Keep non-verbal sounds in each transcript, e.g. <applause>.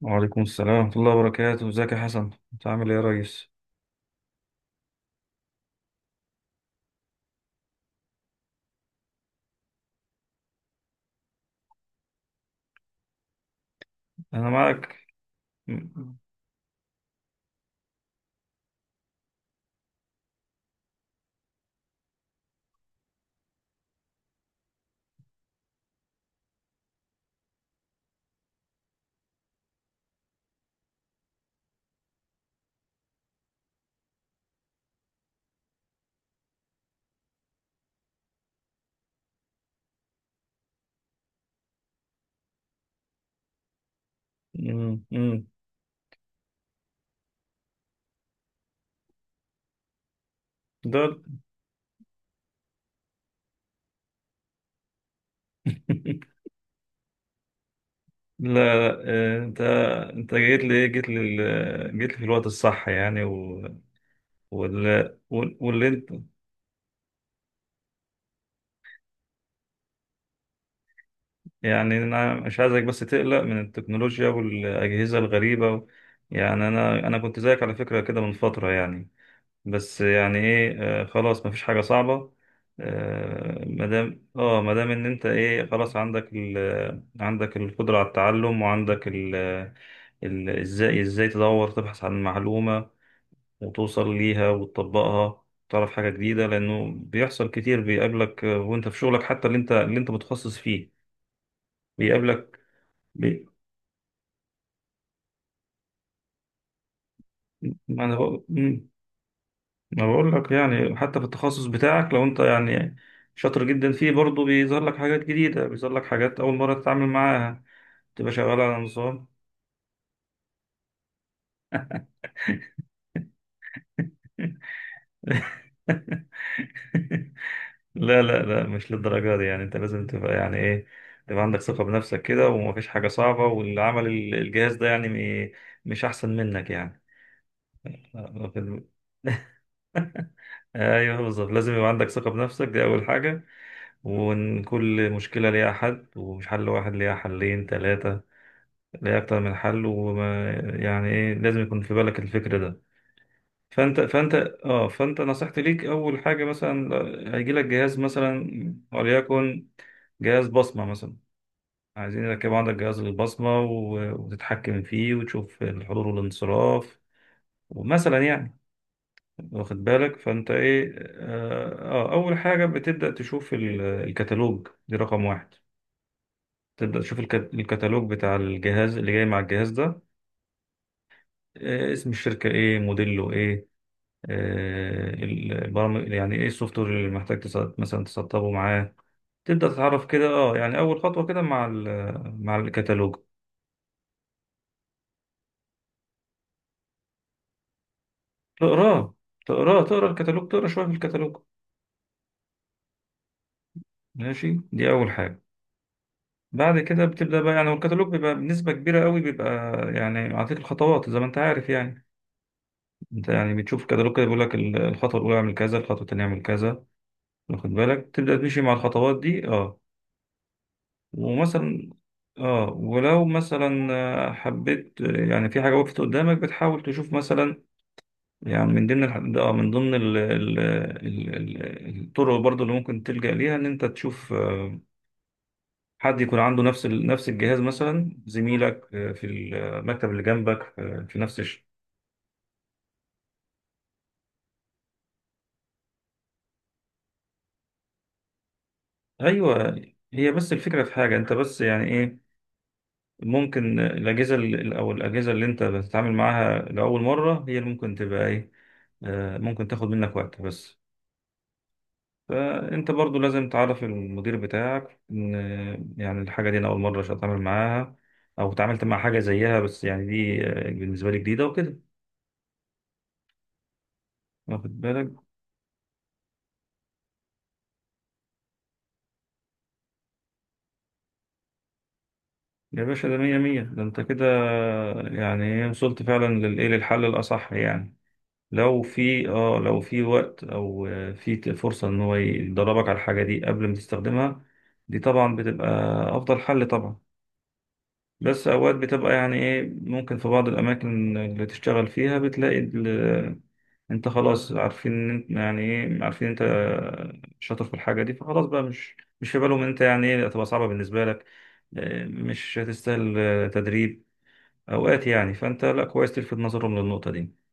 وعليكم السلام ورحمة الله وبركاته. ازيك يا حسن، انت عامل ايه يا ريس؟ انا معك. امم امم دول. <laughs> لا لا آه، انت جيت لي في الوقت الصح يعني. واللي انت، يعني انا مش عايزك بس تقلق من التكنولوجيا والاجهزة الغريبة. يعني انا كنت زيك على فكرة كده من فترة يعني. بس يعني ايه، آه، خلاص مفيش حاجة صعبة. آه، مادام ان انت ايه، خلاص عندك عندك القدرة على التعلم، وعندك ازاي ازاي تدور تبحث عن معلومة، وتوصل ليها وتطبقها، تعرف حاجة جديدة، لأنه بيحصل كتير بيقابلك، آه، وأنت في شغلك، حتى اللي أنت متخصص فيه بيقابلك بي... ما أنا بقول- ما بقول لك، يعني حتى في التخصص بتاعك، لو انت يعني شاطر جدا فيه، برضه بيظهر لك حاجات جديدة، بيظهر لك حاجات أول مرة تتعامل معاها، تبقى شغال على نظام. <laughs> لا لا لا، مش للدرجة دي، يعني انت لازم تبقى يعني ايه، تبقى عندك ثقة بنفسك كده، ومفيش حاجة صعبة، واللي عمل الجهاز ده يعني م- مش أحسن منك يعني. لا، لا، في- <laughs> ايوه بالظبط، لازم يبقى عندك ثقة بنفسك، دي أول حاجة. وإن كل مشكلة ليها حل، ومش حل واحد، ليها حلين ثلاثة، ليه أكتر من حل. وما يعني إيه، لازم يكون في بالك الفكر ده. فأنت فأنت فأنت نصيحتي ليك، أول حاجة مثلا هيجيلك جهاز، مثلا وليكن جهاز بصمة مثلا، عايزين يركبوا عندك جهاز للبصمة وتتحكم فيه وتشوف الحضور والانصراف، ومثلا يعني واخد بالك. فأنت إيه، أول حاجة بتبدأ تشوف الكتالوج، دي رقم واحد. تبدأ تشوف الكتالوج بتاع الجهاز اللي جاي مع الجهاز ده. آه، اسم الشركة ايه، موديله ايه، آه، البرامج يعني ايه، السوفت وير اللي محتاج مثلا تسطبه معاه. تبدأ تتعرف كده، اه يعني أول خطوة كده مع مع الكتالوج. تقراه، تقرا شوية في الكتالوج، ماشي، دي أول حاجة. بعد كده بتبدأ بقى يعني، والكتالوج بيبقى بنسبة كبيرة قوي بيبقى يعني معطيك الخطوات زي ما انت عارف يعني. انت يعني بتشوف الكتالوج كده، بيقول لك الخطوة الأولى اعمل كذا، الخطوة التانية اعمل كذا، واخد بالك، تبدأ تمشي مع الخطوات دي اه. ومثلا اه، ولو مثلا آه، حبيت آه، يعني في حاجة وقفت قدامك، بتحاول تشوف مثلا يعني، من ضمن آه، من ضمن ال ال ال ال الطرق برضو اللي ممكن تلجأ ليها، ان انت تشوف آه، حد يكون عنده نفس نفس الجهاز، مثلا زميلك آه، في المكتب اللي جنبك، آه، في نفس ايوه. هي بس الفكرة في حاجة انت، بس يعني ايه، ممكن الأجهزة او الأجهزة اللي انت بتتعامل معاها لأول مرة، هي اللي ممكن تبقى ايه، آه، ممكن تاخد منك وقت بس. فأنت برضو لازم تعرف المدير بتاعك إن يعني الحاجة دي أنا أول مرة أتعامل معاها، أو اتعاملت مع حاجة زيها بس يعني دي بالنسبة لي جديدة وكده، واخد بالك. يا باشا ده مية مية، ده أنت كده يعني إيه، وصلت فعلا للإيه، للحل الأصح يعني. لو في اه، لو في وقت أو آه، في فرصة إن هو يدربك على الحاجة دي قبل ما تستخدمها، دي طبعا بتبقى أفضل حل طبعا. بس أوقات بتبقى يعني إيه، ممكن في بعض الأماكن اللي تشتغل فيها بتلاقي أنت خلاص عارفين إن أنت يعني إيه، عارفين أنت شاطر في الحاجة دي، فخلاص بقى، مش في بالهم إن أنت يعني إيه هتبقى صعبة بالنسبة لك، آه، مش هتستاهل آه، تدريب أوقات يعني، فأنت لا كويس تلفت نظرهم للنقطة دي.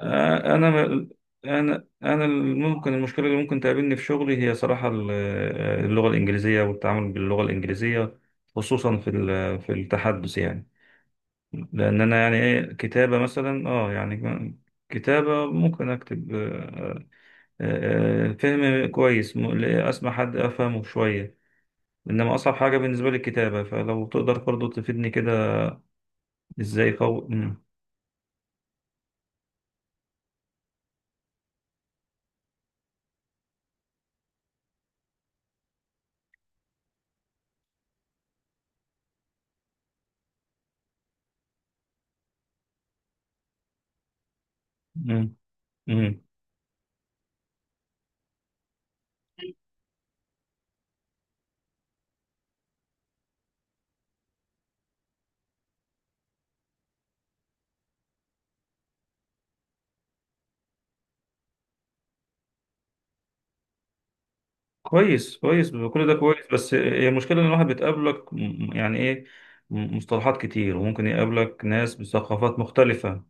آه، أنا ممكن المشكلة اللي ممكن تقابلني في شغلي، هي صراحة آه، اللغة الإنجليزية، والتعامل باللغة الإنجليزية، خصوصا في في التحدث يعني. لان انا يعني ايه، كتابه مثلا اه يعني كتابه ممكن اكتب، آه، فهم كويس، اسمع حد افهمه شويه، انما اصعب حاجه بالنسبه لي الكتابه، فلو تقدر برضه تفيدني كده، ازاي قوي. مم. مم. كويس كويس، كل ده كويس، بس هي المشكله ان الواحد بتقابلك يعني ايه، مصطلحات كتير، وممكن يقابلك ناس بثقافات مختلفه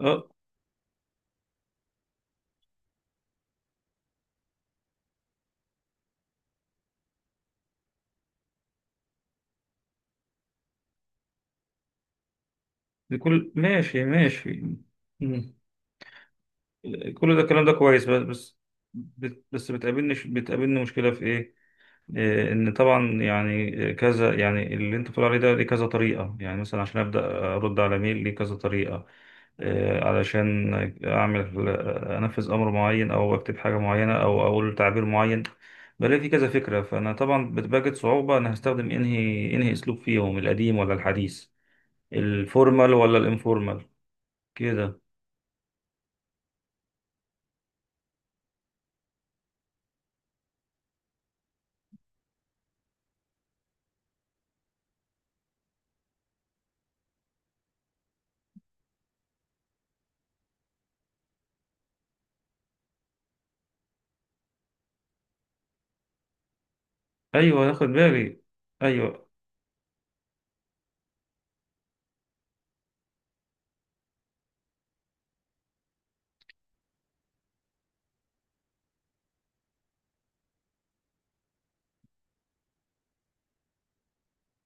اه. بكل ماشي ماشي. مم. كل ده الكلام ده كويس، بس بس بتقابلني بتقابلني مشكلة في إيه؟ إيه، إن طبعا يعني كذا، يعني اللي أنت بتقول عليه ده ليه كذا طريقة. يعني مثلا عشان أبدأ أرد على ميل ليه كذا طريقة، إيه، علشان أعمل آه، أنفذ أمر معين، أو أكتب حاجة معينة، أو أقول تعبير معين، بلاقي في كذا فكرة، فأنا طبعا بتواجد صعوبة أنا هستخدم أنهي أسلوب فيهم، القديم ولا الحديث، الفورمال ولا الانفورمال كده. أيوه هاخد بالي. ايوه،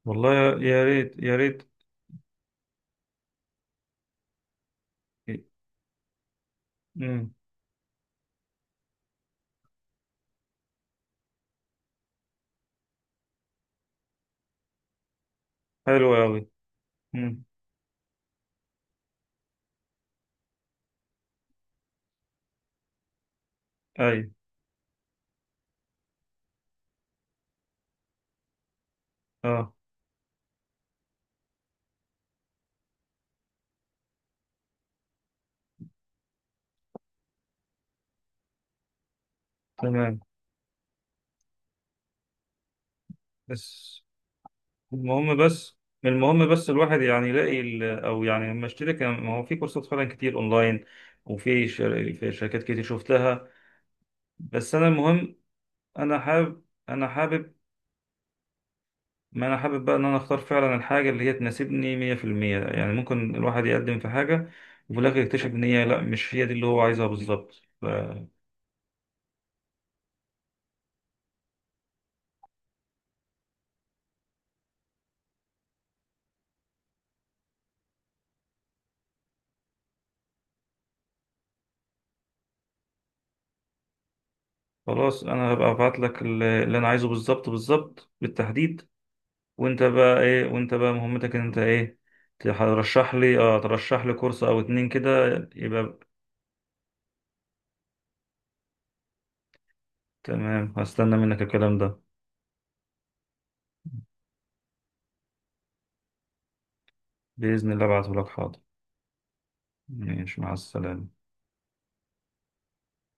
والله يا يا ريت يا ريت. امم. حلو قوي. امم. اي. اه. تمام. بس المهم بس المهم بس الواحد يعني يلاقي او يعني لما اشتري ما هو في كورسات فعلا كتير اونلاين، وفي في شركات كتير شفتها، بس انا المهم، انا حابب انا حابب، ما انا حابب بقى ان انا اختار فعلا الحاجه اللي هي تناسبني 100% يعني. ممكن الواحد يقدم في حاجه وفي الاخر يكتشف ان هي لا، مش هي دي اللي هو عايزها بالظبط. خلاص انا هبقى ابعت لك اللي انا عايزه بالظبط، بالظبط بالتحديد. وانت بقى ايه، وانت بقى مهمتك ان انت ايه، ترشح لي اه، ترشح لي كورس او اتنين كده، يبقى تمام. هستنى منك الكلام ده. بإذن الله ابعته لك، حاضر. ماشي، مع السلامة.